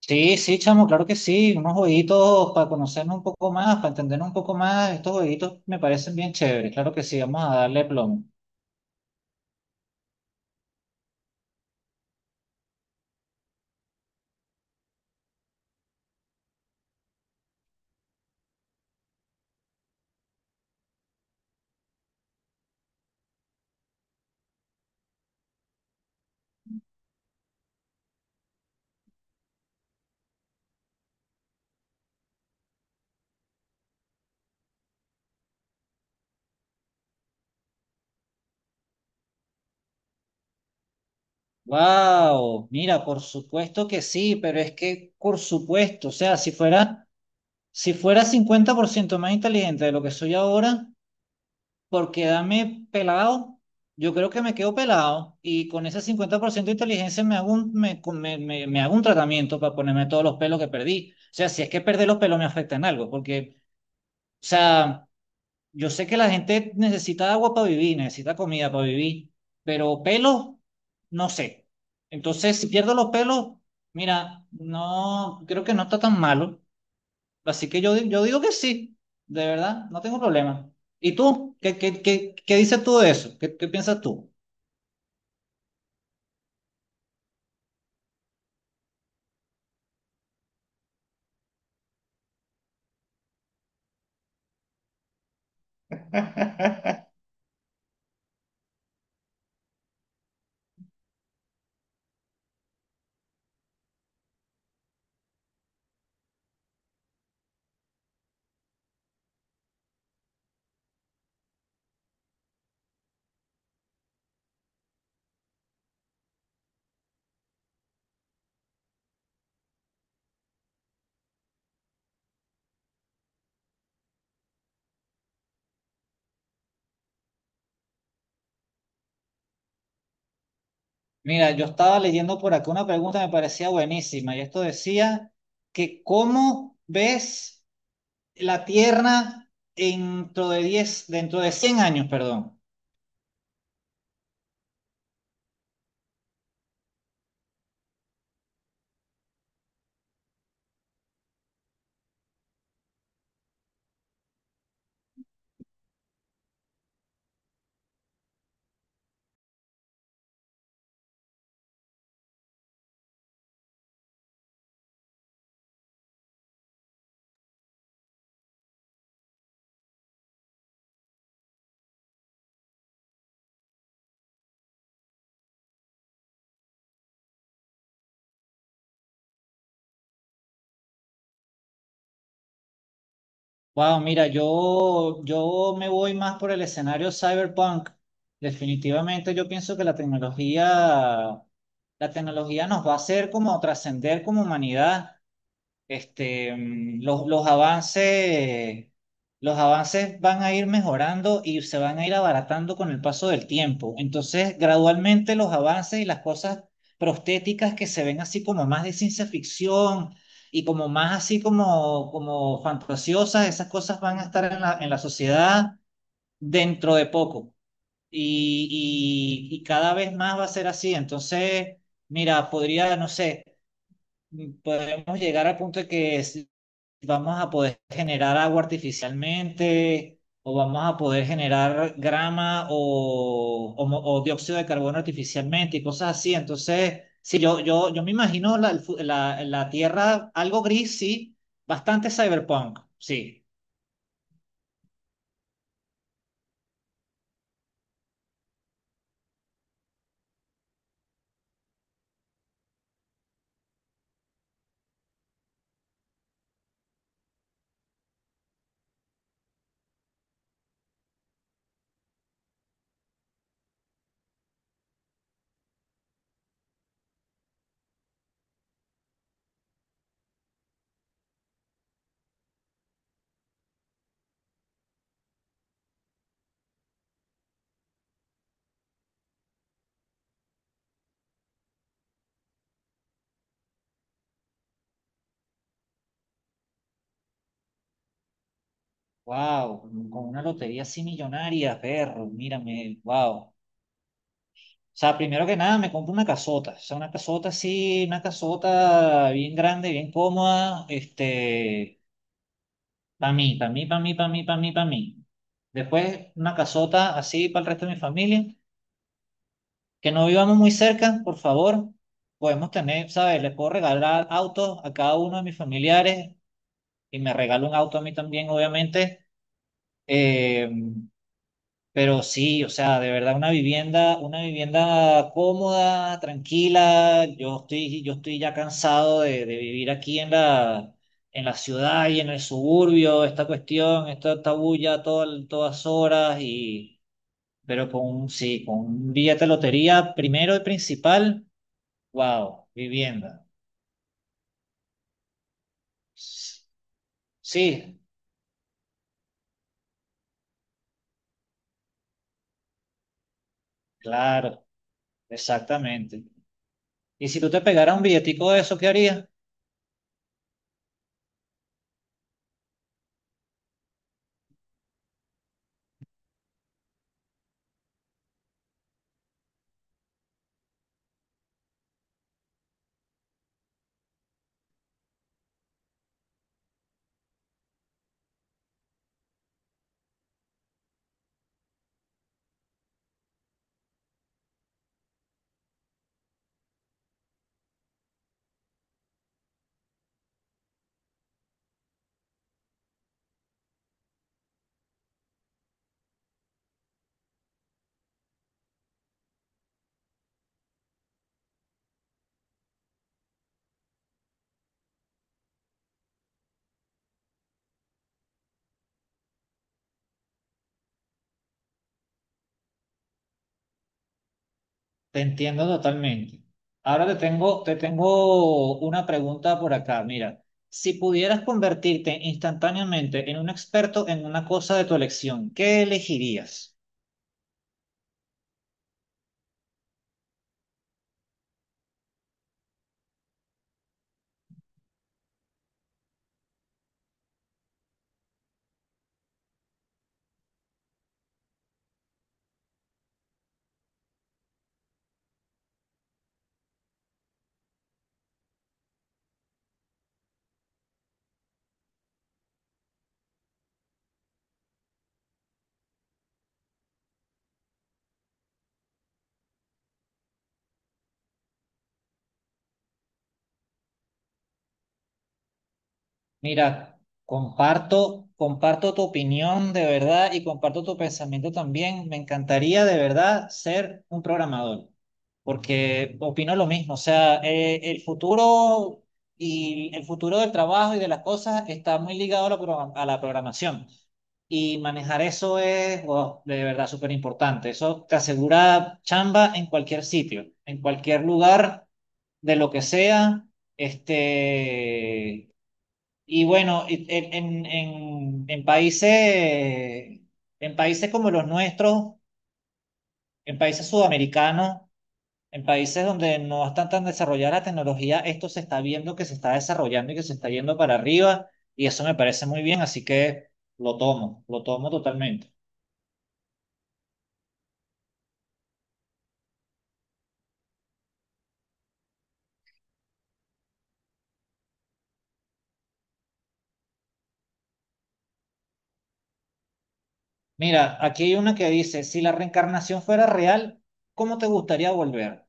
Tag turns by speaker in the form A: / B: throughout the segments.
A: Sí, sí, chamo, claro que sí. Unos jueguitos para conocernos un poco más, para entendernos un poco más. Estos jueguitos me parecen bien chéveres. Claro que sí, vamos a darle plomo. Wow, mira, por supuesto que sí, pero es que, por supuesto, o sea, si fuera 50% más inteligente de lo que soy ahora, por quedarme pelado, yo creo que me quedo pelado y con ese 50% de inteligencia me hago un, me, con- me hago un tratamiento para ponerme todos los pelos que perdí. O sea, si es que perder los pelos me afecta en algo, porque, o sea, yo sé que la gente necesita agua para vivir, necesita comida para vivir, pero pelos, no sé. Entonces, si pierdo los pelos, mira, no, creo que no está tan malo. Así que yo digo que sí, de verdad, no tengo problema. ¿Y tú? ¿Qué dices tú de eso? ¿Qué piensas tú? Mira, yo estaba leyendo por acá una pregunta que me parecía buenísima y esto decía que ¿cómo ves La Tierra dentro de 10 dentro de 100 años, perdón? Wow, mira, yo me voy más por el escenario cyberpunk. Definitivamente yo pienso que la tecnología nos va a hacer como trascender como humanidad. Este, los avances van a ir mejorando y se van a ir abaratando con el paso del tiempo. Entonces, gradualmente los avances y las cosas prostéticas que se ven así como más de ciencia ficción y como más así como, como fantasiosas, esas cosas van a estar en la sociedad dentro de poco. Y cada vez más va a ser así. Entonces, mira, podría, no sé, podemos llegar al punto de que si vamos a poder generar agua artificialmente o vamos a poder generar grama o, o dióxido de carbono artificialmente y cosas así. Entonces, sí, yo me imagino la, el fu- la, la Tierra algo gris, sí, bastante cyberpunk, sí. Wow, con una lotería así millonaria, perro, mírame, wow. O sea, primero que nada me compro una casota, o sea, una casota así, una casota bien grande, bien cómoda, este, para mí, para mí, para mí, para mí, para mí, para mí. Después una casota así para el resto de mi familia, que no vivamos muy cerca, por favor. Podemos tener, ¿sabes? Les puedo regalar autos a cada uno de mis familiares y me regalo un auto a mí también, obviamente. Eh, Pero sí, o sea, de verdad una vivienda cómoda, tranquila. Yo estoy ya cansado de vivir aquí en la ciudad y en el suburbio, esta cuestión, esta bulla todo todas horas y, pero con un, sí, con un billete de lotería primero y principal, wow, vivienda. Sí, claro, exactamente. Y si tú te pegaras un billetico de eso, ¿qué harías? Te entiendo totalmente. Ahora te tengo una pregunta por acá. Mira, si pudieras convertirte instantáneamente en un experto en una cosa de tu elección, ¿qué elegirías? Mira, comparto tu opinión de verdad y comparto tu pensamiento también. Me encantaría de verdad ser un programador, porque opino lo mismo. O sea, el futuro y el futuro del trabajo y de las cosas está muy ligado a a la programación. Y manejar eso es, wow, de verdad súper importante. Eso te asegura chamba en cualquier sitio, en cualquier lugar, de lo que sea. Este, y bueno, en países como los nuestros, en países sudamericanos, en países donde no están tan desarrollada la tecnología, esto se está viendo que se está desarrollando y que se está yendo para arriba, y eso me parece muy bien, así que lo tomo totalmente. Mira, aquí hay una que dice, si la reencarnación fuera real, ¿cómo te gustaría volver?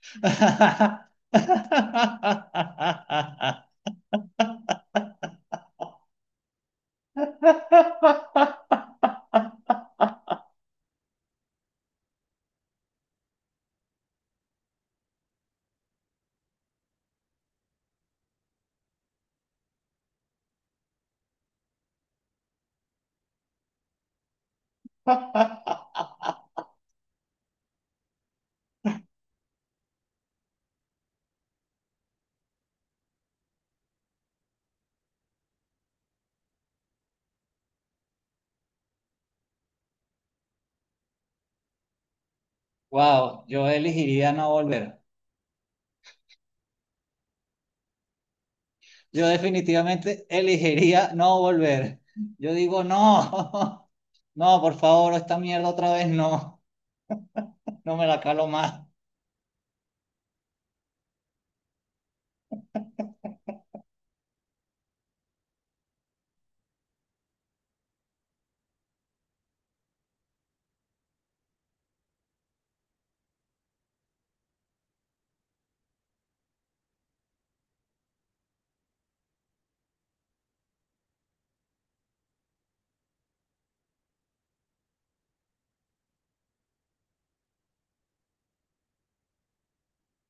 A: Wow, yo elegiría no volver. Yo definitivamente elegiría no volver. Yo digo, no, no, por favor, esta mierda otra vez no, no me la calo más.